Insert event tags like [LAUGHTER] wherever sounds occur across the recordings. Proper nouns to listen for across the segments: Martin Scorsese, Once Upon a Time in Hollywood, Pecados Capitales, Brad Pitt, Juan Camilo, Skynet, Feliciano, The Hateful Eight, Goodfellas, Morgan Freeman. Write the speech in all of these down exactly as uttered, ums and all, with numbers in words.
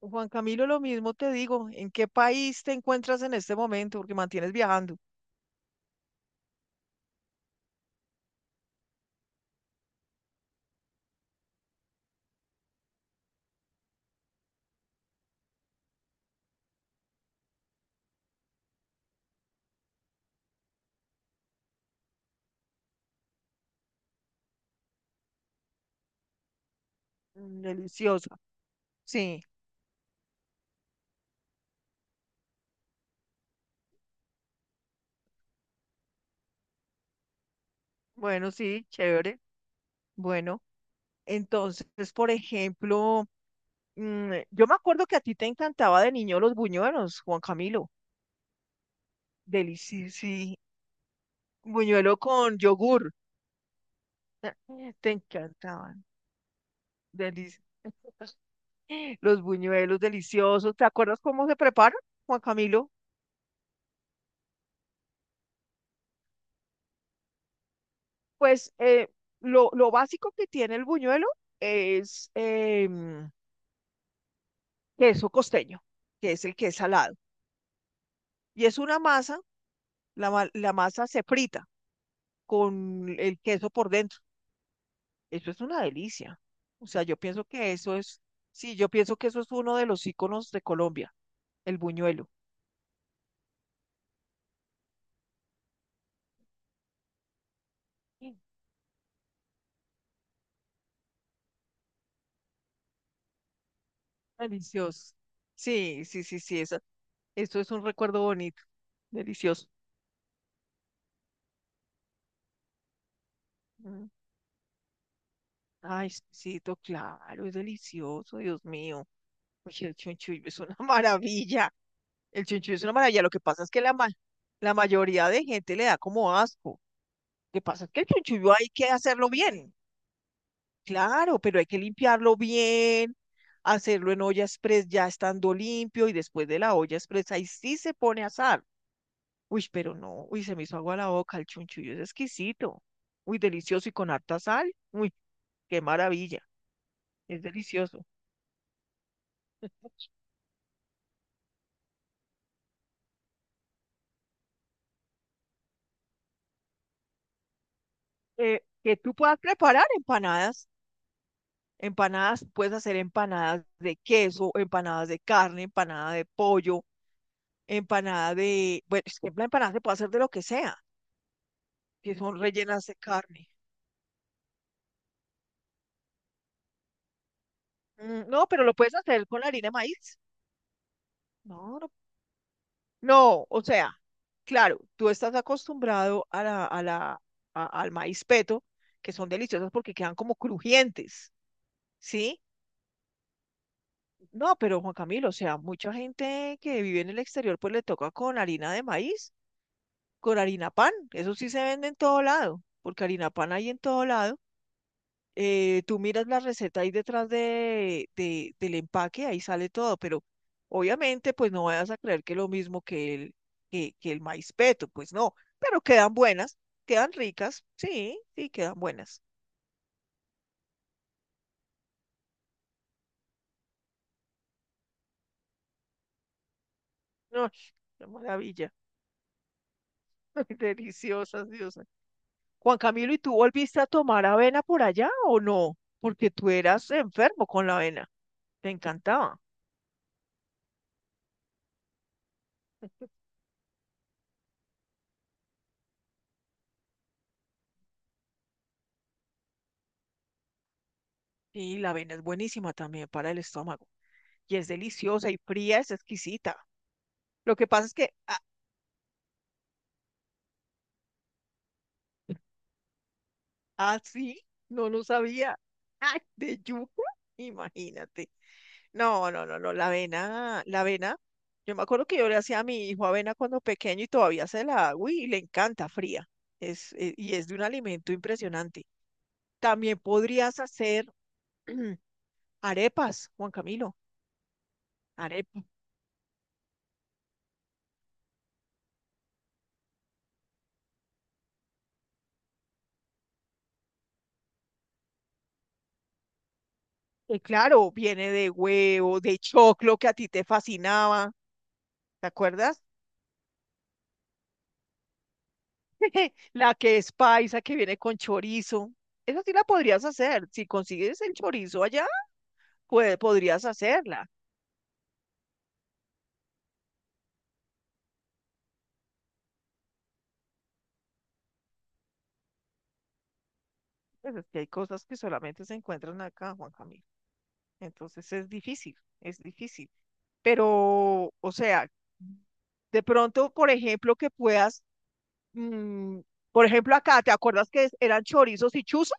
Juan Camilo, lo mismo te digo, ¿en qué país te encuentras en este momento? Porque mantienes viajando. Mm, deliciosa. Sí, bueno, sí, chévere. Bueno, entonces, por ejemplo, mm, yo me acuerdo que a ti te encantaba de niño los buñuelos, Juan Camilo. Delicioso, sí. Buñuelo con yogur. [LAUGHS] Te encantaban. Delicioso. [LAUGHS] Los buñuelos deliciosos. ¿Te acuerdas cómo se preparan, Juan Camilo? Pues eh, lo, lo básico que tiene el buñuelo es em, queso costeño, que es el que es salado. Y es una masa, la, ma- la masa se frita con el queso por dentro. Eso es una delicia. O sea, yo pienso que eso es, sí, yo pienso que eso es uno de los íconos de Colombia, el buñuelo. Mm, delicioso. Sí, sí, sí, sí, eso, eso es un recuerdo bonito, delicioso. Mm. Ay, sí, to- claro, es delicioso, Dios mío. Oye, el chunchullo es una [LAUGHS] maravilla. El chunchullo es una maravilla. Lo que pasa es que la, ma- la mayoría de gente le da como asco. Lo que pasa es que el chunchullo hay que hacerlo bien. Claro, pero hay que limpiarlo bien, hacerlo en olla express ya estando limpio y después de la olla express ahí sí se pone a asar. Uy, pero no, uy, se me hizo agua la boca. El chunchullo es exquisito. Uy, delicioso y con harta sal. Uy, qué maravilla. Es delicioso. Eh, que tú puedas preparar empanadas. Empanadas, puedes hacer empanadas de queso, empanadas de carne, empanada de pollo, empanada de... Bueno, es que la empanada se puede hacer de lo que sea, que son rellenas de carne. Mm, no, pero lo puedes hacer con harina de maíz. No, no. No, o sea, claro, tú estás acostumbrado a la, a la, a- al maíz peto, que son deliciosas porque quedan como crujientes, ¿sí? No, pero Juan Camilo, o sea, mucha gente que vive en el exterior pues le toca con harina de maíz con harina pan. Eso sí se vende en todo lado, porque harina pan hay en todo lado. Eh, tú miras la receta ahí detrás de, de- del empaque, ahí sale todo, pero obviamente pues no vayas a creer que es lo mismo que el, que, que el maíz peto, pues no, pero quedan buenas, quedan ricas, sí, sí, quedan buenas. Ay, qué maravilla, [LAUGHS] deliciosas, Dios. Juan Camilo, ¿y tú volviste a tomar avena por allá o no? Porque tú eras enfermo con la avena, te encantaba. Y la avena es buenísima también para el estómago. Y es deliciosa y fría, es exquisita. Lo que pasa es que a- así no lo sabía. [LAUGHS] ¡Ay! De yuca, imagínate. No, no, no, no, la avena, la avena. Yo me acuerdo que yo le hacía a mi hijo avena cuando pequeño y todavía se la hago y le encanta fría. Es, eh, y es de un alimento impresionante. También podrías hacer [CLEARS THROAT] arepas, Juan Camilo. Arepas. Eh, claro, viene de huevo, de choclo que a ti te fascinaba, ¿te acuerdas? [LAUGHS] La que es paisa, que viene con chorizo. Esa sí la podrías hacer. Si consigues el chorizo allá, pues podrías hacerla. Pues es que hay cosas que solamente se encuentran acá, Juan Camilo. Entonces es difícil, es difícil. Pero, o sea, de pronto, por ejemplo, que puedas, mm, por ejemplo, acá, ¿te acuerdas que eran chorizos y chuzas?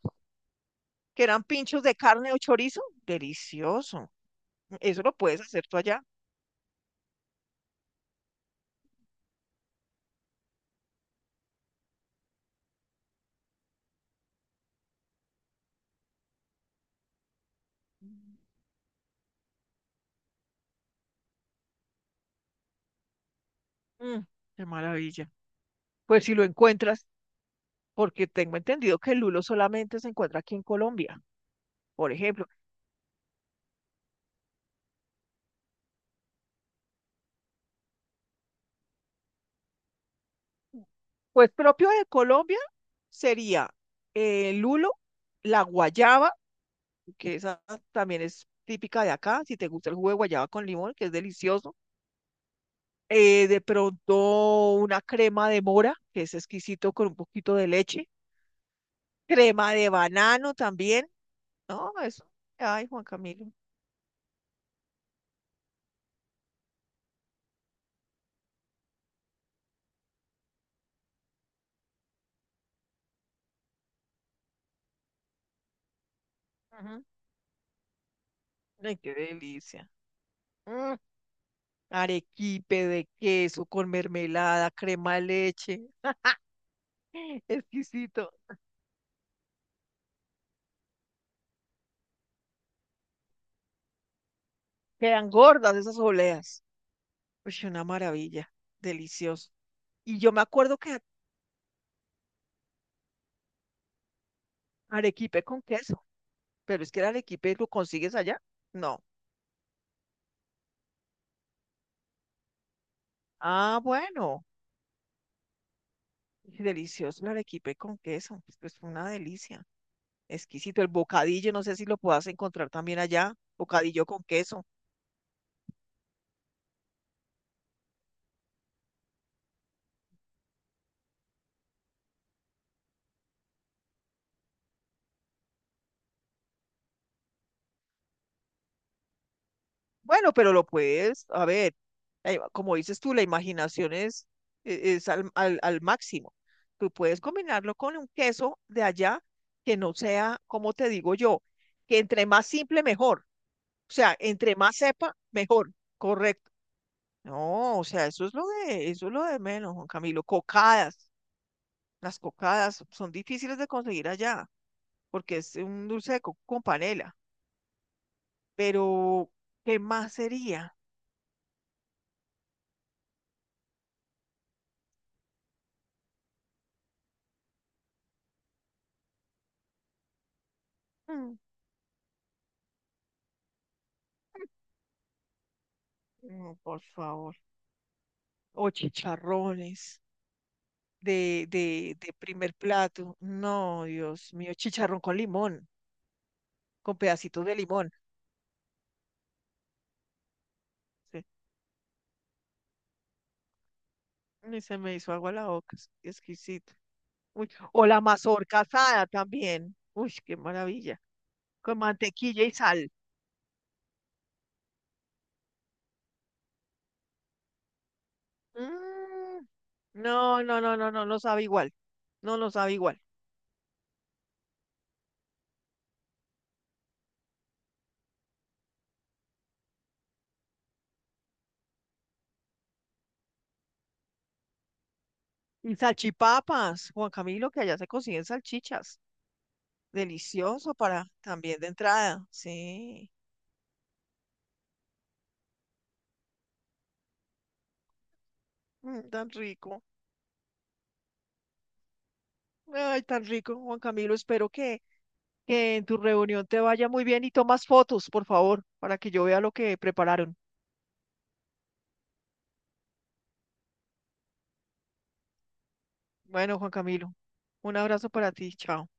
Que eran pinchos de carne o chorizo. Delicioso. Eso lo puedes hacer tú allá. Mm, qué maravilla. Pues si lo encuentras, porque tengo entendido que el lulo solamente se encuentra aquí en Colombia, por ejemplo. Pues propio de Colombia sería eh, el lulo, la guayaba, que esa también es típica de acá, si te gusta el jugo de guayaba con limón, que es delicioso. Eh, de pronto una crema de mora, que es exquisito con un poquito de leche. Crema de banano también, no, eso. Ay, Juan Camilo. Ujú. Ay, qué delicia. Mm, arequipe de queso con mermelada, crema de leche. [GASPS] [LAUGHS] Exquisito. Quedan gordas esas oleas. Uy, una maravilla. Delicioso. Y yo me acuerdo que arequipe con queso, pero es que el arequipe lo consigues allá. No. Ah, bueno. Y delicioso el arequipe con queso. Es que es una delicia. Exquisito. El bocadillo, no sé si lo puedas encontrar también allá. Bocadillo con queso. Bueno, pero lo puedes, a ver, eh, como dices tú, la imaginación es, e- es al, al, al máximo. Tú puedes combinarlo con un queso de allá que no sea, como te digo yo, que entre más simple, mejor. O sea, entre más sepa, mejor. Correcto. No, o sea, eso es lo de, eso es lo de menos, Juan Camilo. Cocadas. Las cocadas son difíciles de conseguir allá, porque es un dulce de coco con panela. Pero, ¿qué más sería? Mm, no, por favor. O chicharrones de, de, de primer plato. No, Dios mío, chicharrón con limón, con pedacitos de limón. Sí. Y se me hizo agua la boca, es exquisito. Uy, o la mazorca asada también. Uy, qué maravilla. Con mantequilla y sal. Mm, no, no, no, no, no, no sabe igual. No, no sabe igual. Y salchipapas, Juan Camilo, que allá se consiguen salchichas. Delicioso para también de entrada. Sí, mm, tan rico. Ay, tan rico, Juan Camilo. Espero que, que en tu reunión te vaya muy bien y tomas fotos, por favor, para que yo vea lo que prepararon. Bueno, Juan Camilo, un abrazo para ti. Chao.